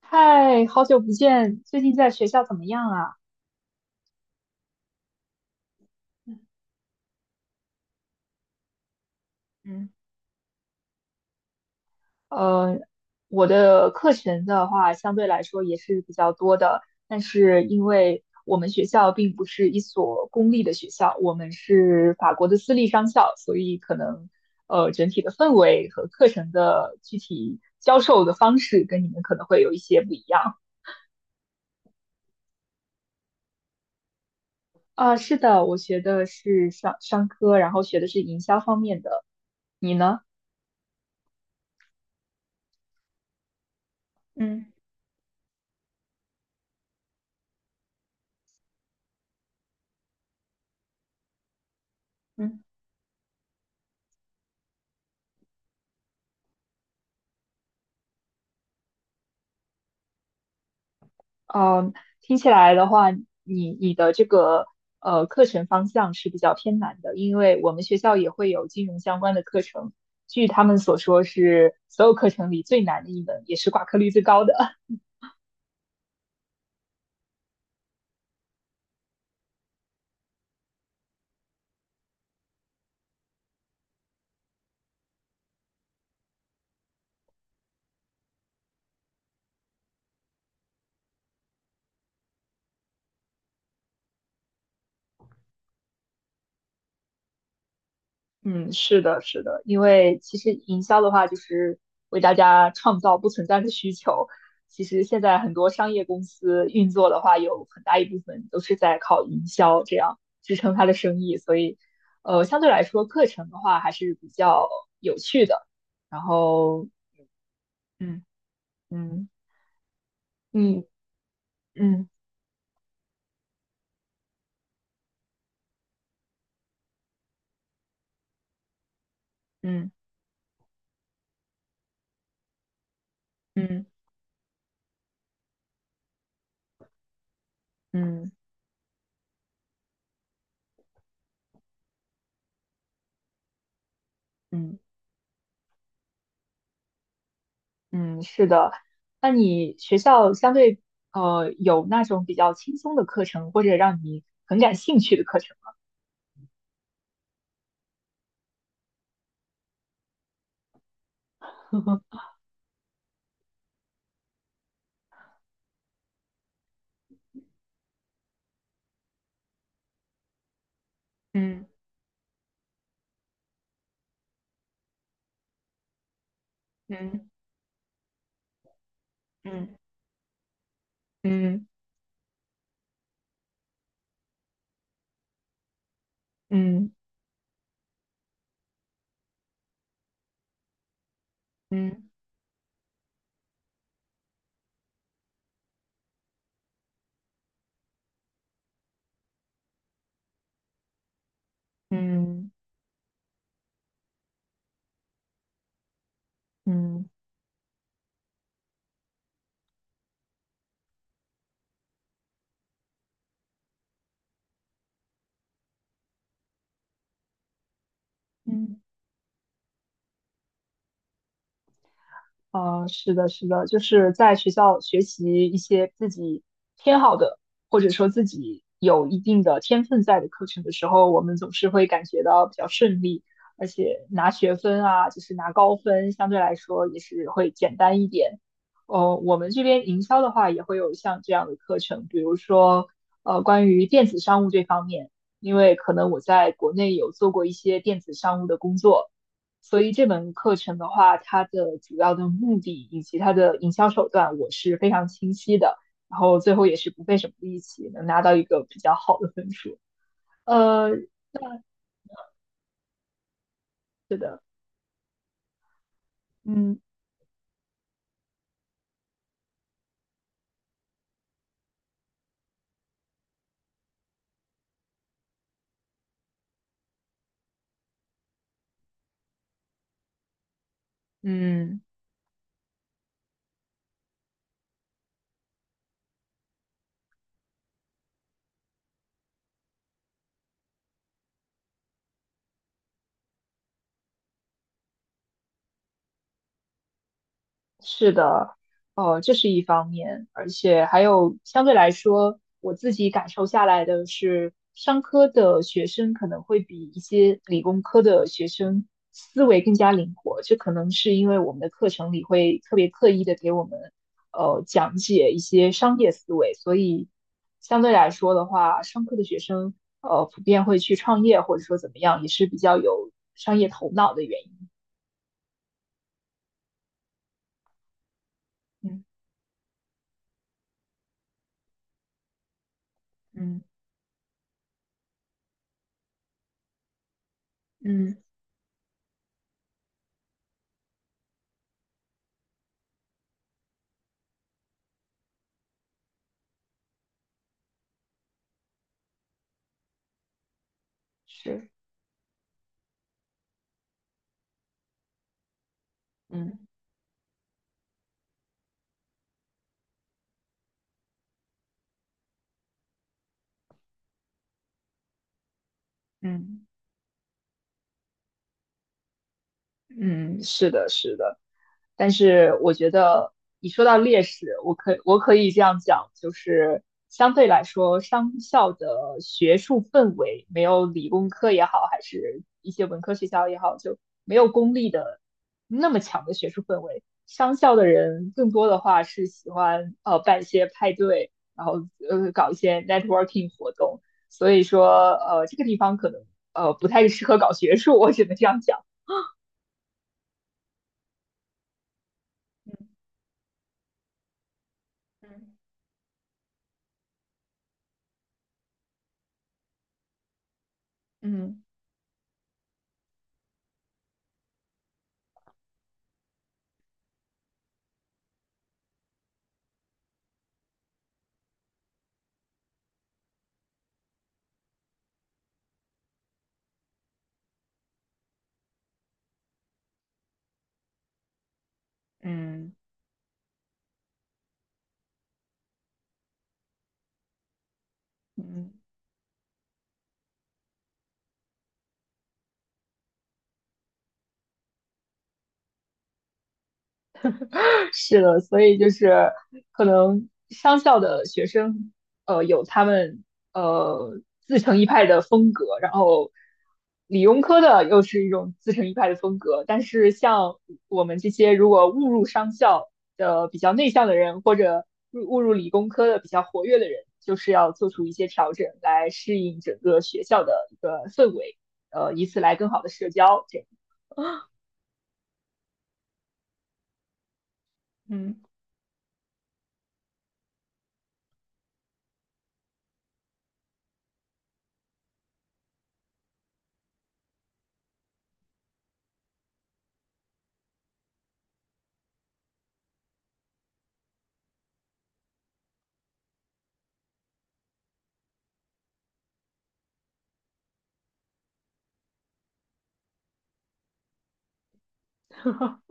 嗨，好久不见，最近在学校怎么样啊？嗯，呃，我的课程的话，相对来说也是比较多的，但是因为我们学校并不是一所公立的学校，我们是法国的私立商校，所以可能整体的氛围和课程的具体教授的方式跟你们可能会有一些不一样。啊，是的，我学的是商科，然后学的是营销方面的，你呢？嗯嗯，嗯，听起来的话，你的这个课程方向是比较偏难的，因为我们学校也会有金融相关的课程，据他们所说是所有课程里最难的一门，也是挂科率最高的。嗯，是的，是的，因为其实营销的话，就是为大家创造不存在的需求。其实现在很多商业公司运作的话，有很大一部分都是在靠营销这样支撑它的生意，所以，相对来说，课程的话还是比较有趣的。然后。嗯。嗯。嗯。嗯。嗯。嗯。嗯。嗯。嗯嗯，是的。那你学校相对有那种比较轻松的课程，或者让你很感兴趣的课程吗？嗯。嗯。嗯。嗯。嗯。嗯。嗯。嗯。嗯嗯是的，是的，就是在学校学习一些自己偏好的，或者说自己有一定的天分在的课程的时候，我们总是会感觉到比较顺利，而且拿学分啊，就是拿高分，相对来说也是会简单一点。我们这边营销的话，也会有像这样的课程，比如说关于电子商务这方面，因为可能我在国内有做过一些电子商务的工作。所以这门课程的话，它的主要的目的以及它的营销手段，我是非常清晰的。然后最后也是不费什么力气，能拿到一个比较好的分数。呃，那是的。嗯嗯。是的，这是一方面，而且还有相对来说，我自己感受下来的是，商科的学生可能会比一些理工科的学生思维更加灵活，这可能是因为我们的课程里会特别刻意的给我们讲解一些商业思维，所以相对来说的话，商科的学生普遍会去创业或者说怎么样，也是比较有商业头脑的原因。嗯。嗯。嗯，是。嗯。嗯嗯，是的，是的，但是我觉得你说到劣势，我可以这样讲，就是相对来说，商校的学术氛围没有理工科也好，还是一些文科学校也好，就没有公立的那么强的学术氛围。商校的人更多的话是喜欢办一些派对，然后搞一些 networking 活动，所以说这个地方可能不太适合搞学术，我只能这样讲。嗯。嗯。嗯。嗯。 是的，所以就是可能商校的学生，有他们呃自成一派的风格，然后理工科的又是一种自成一派的风格。但是像我们这些如果误入商校的比较内向的人，或者误入理工科的比较活跃的人，就是要做出一些调整来适应整个学校的一个氛围，以此来更好的社交。这样，嗯，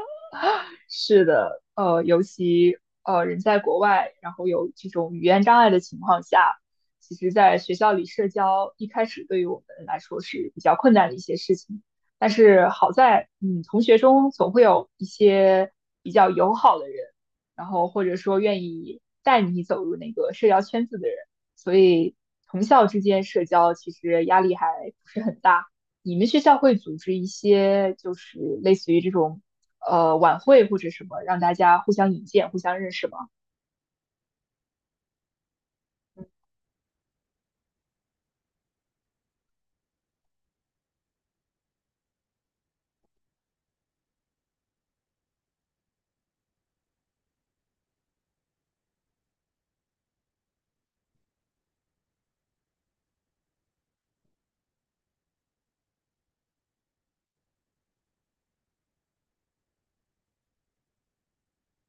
是的，尤其人在国外，然后有这种语言障碍的情况下，其实在学校里社交一开始对于我们来说是比较困难的一些事情。但是好在，同学中总会有一些比较友好的人，然后或者说愿意带你走入那个社交圈子的人，所以同校之间社交其实压力还不是很大。你们学校会组织一些就是类似于这种晚会或者什么，让大家互相引荐、互相认识吗？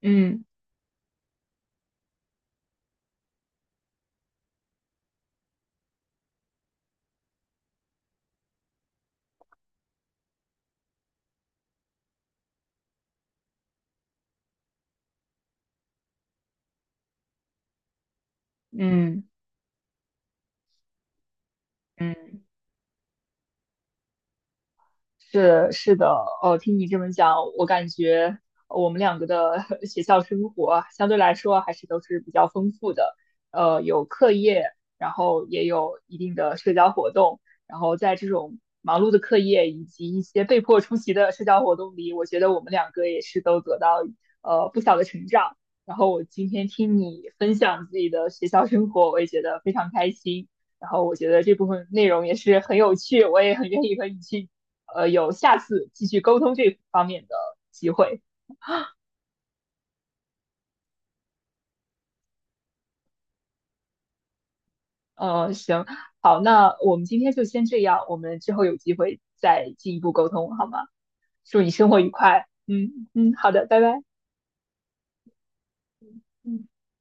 嗯。嗯。嗯。是的，哦，听你这么讲，我感觉我们两个的 学校生活相对来说还是都是比较丰富的，有课业，然后也有一定的社交活动，然后在这种忙碌的课业以及一些被迫出席的社交活动里，我觉得我们两个也是都得到不小的成长。然后我今天听你分享自己的学校生活，我也觉得非常开心。然后我觉得这部分内容也是很有趣，我也很愿意和你去有下次继续沟通这方面的机会。行，好，那我们今天就先这样，我们之后有机会再进一步沟通，好吗？祝你生活愉快。嗯嗯，好的，拜拜。嗯。